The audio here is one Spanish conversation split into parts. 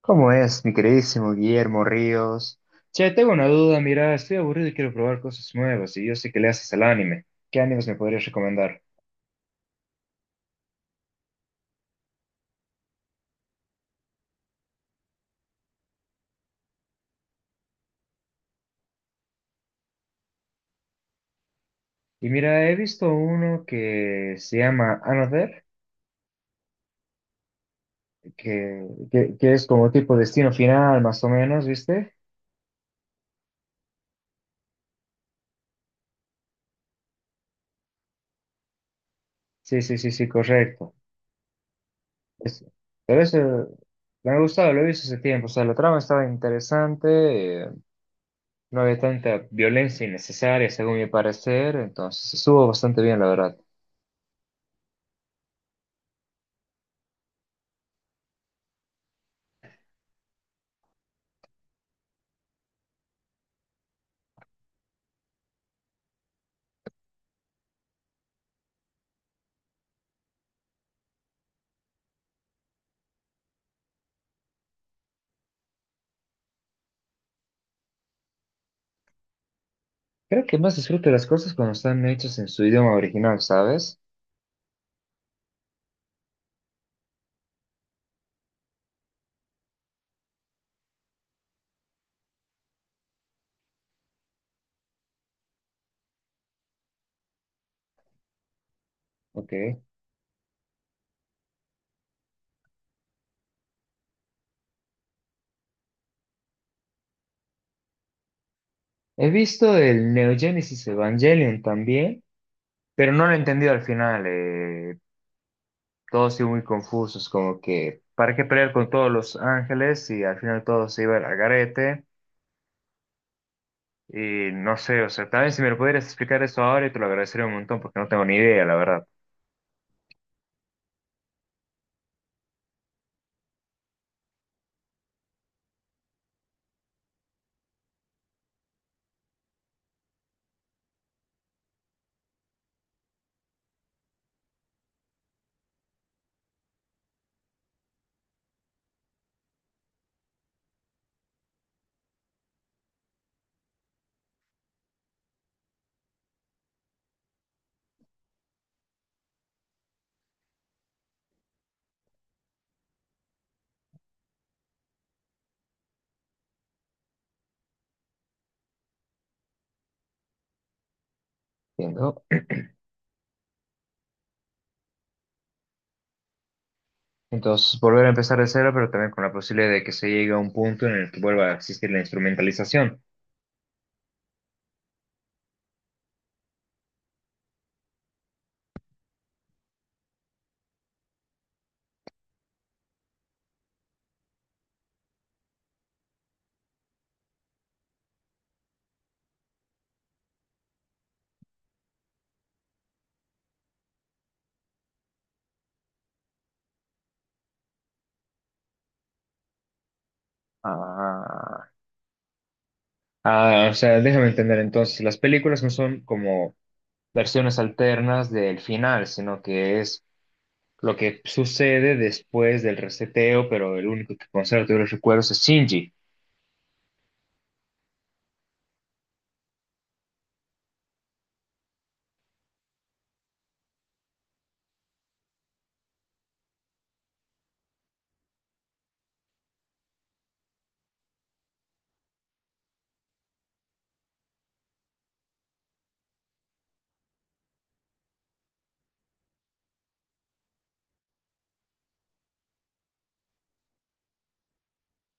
¿Cómo es, mi queridísimo Guillermo Ríos? Che, tengo una duda, mira, estoy aburrido y quiero probar cosas nuevas, y yo sé que le haces al anime. ¿Qué animes me podrías recomendar? Y mira, he visto uno que se llama Another, que es como tipo destino final, más o menos, ¿viste? Sí, sí, sí, sí, correcto. Es- pero eso me ha gustado, lo he visto hace tiempo, o sea, la trama estaba interesante, no había tanta violencia innecesaria, según mi parecer, entonces estuvo bastante bien, la verdad. Creo que más disfruto las cosas cuando están hechas en su idioma original, ¿sabes? Ok. He visto el Neo Genesis Evangelion también, pero no lo he entendido al final. Todos siguen muy confusos, como que, ¿para qué pelear con todos los ángeles y al final todo se iba al garete? Y no sé, o sea, también si me lo pudieras explicar eso ahora, y te lo agradecería un montón porque no tengo ni idea, la verdad. Entiendo. Entonces, volver a empezar de cero, pero también con la posibilidad de que se llegue a un punto en el que vuelva a existir la instrumentalización. Ah. Ah, o sea, déjame entender entonces, las películas no son como versiones alternas del final, sino que es lo que sucede después del reseteo, pero el único que conserva todos los recuerdos es Shinji.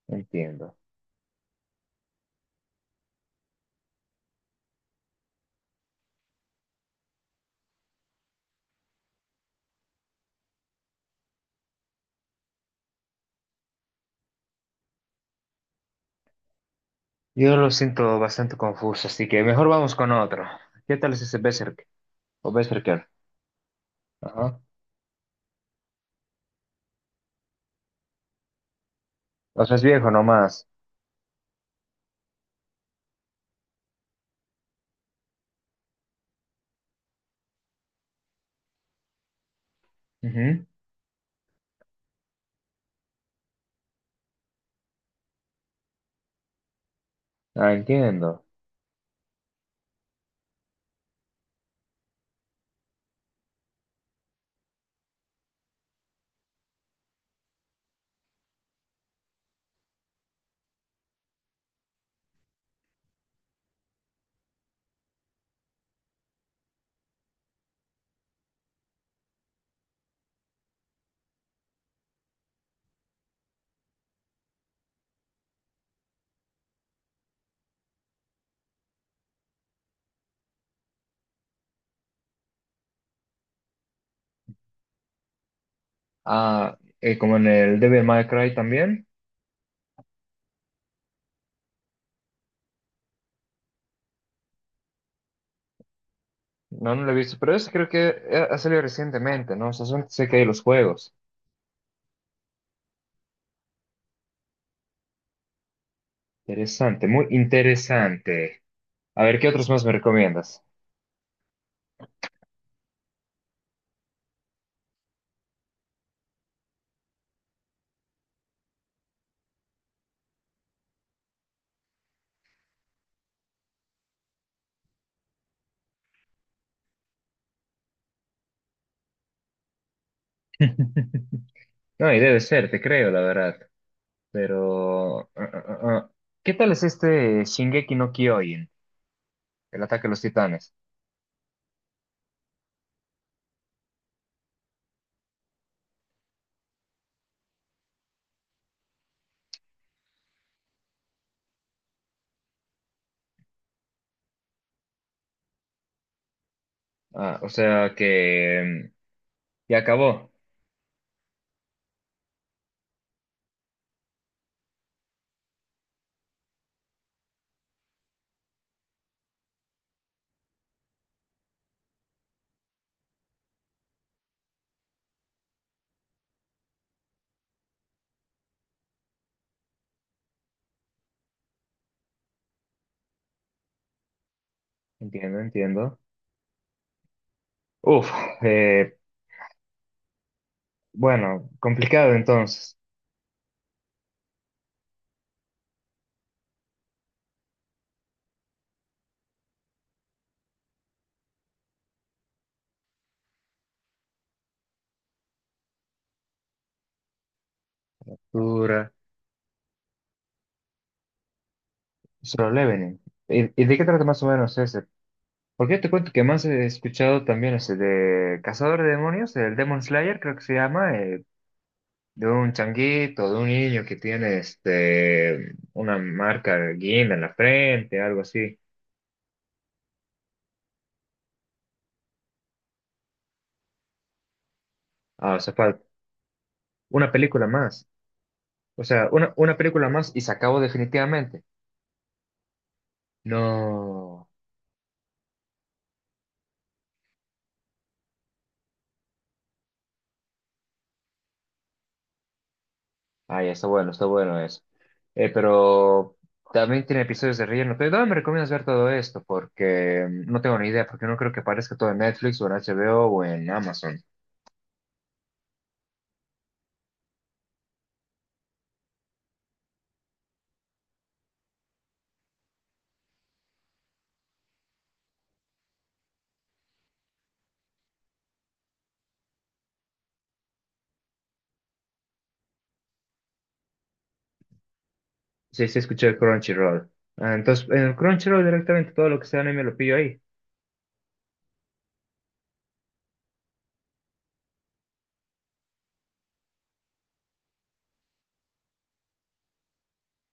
Entiendo. Yo lo siento bastante confuso, así que mejor vamos con otro. ¿Qué tal es ese Berserk? O Berserker. Ajá. O sea, es viejo nomás. Ujú. Ah, entiendo. Ah, como en el Devil May Cry también. No, no lo he visto, pero ese creo que ha salido recientemente, ¿no? O sea, solamente sé que hay los juegos. Interesante, muy interesante. A ver, ¿qué otros más me recomiendas? No, y debe ser, te creo, la verdad. Pero, ¿Qué tal es este Shingeki no Kyojin, el ataque a los titanes? Ah, o sea que ya acabó. Entiendo, entiendo. Uf, eh, bueno, complicado entonces. Dura. Solo Leveling. Y de qué trata más o menos ese? Porque yo te cuento que más he escuchado también ese de Cazador de Demonios, el Demon Slayer creo que se llama, de un changuito, de un niño que tiene este una marca de guinda en la frente, algo así. Ah, o sea, una película más. O sea, una película más y se acabó definitivamente. No. Ay, está bueno eso. Pero también tiene episodios de relleno. Pero ¿dónde me recomiendas ver todo esto? Porque no tengo ni idea, porque no creo que aparezca todo en Netflix o en HBO o en Amazon. Sí, sí, escuché el Crunchyroll. Ah, entonces, en el Crunchyroll directamente todo lo que sea anime lo pillo ahí.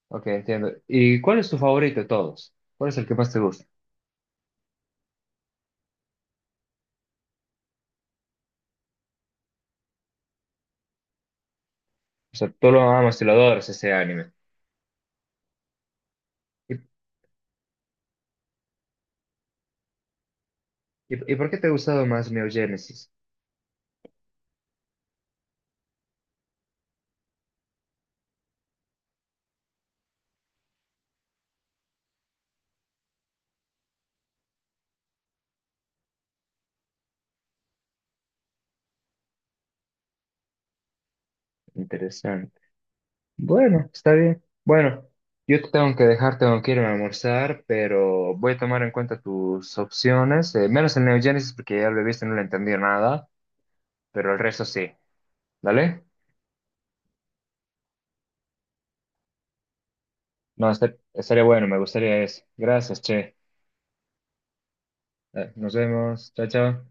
Ok, entiendo. ¿Y cuál es tu favorito de todos? ¿Cuál es el que más te gusta? O sea, tú lo amas y lo adoras ese anime. ¿Y, y, y por qué te ha gustado más Neo Genesis? Interesante. Bueno, está bien. Bueno, yo te tengo que dejar, tengo que irme a almorzar, pero voy a tomar en cuenta tus opciones, menos el Neo Genesis porque ya lo he visto y no le entendí nada, pero el resto sí. ¿Dale? No, estaría bueno, me gustaría eso. Gracias, che. Dale, nos vemos. Chao, chao.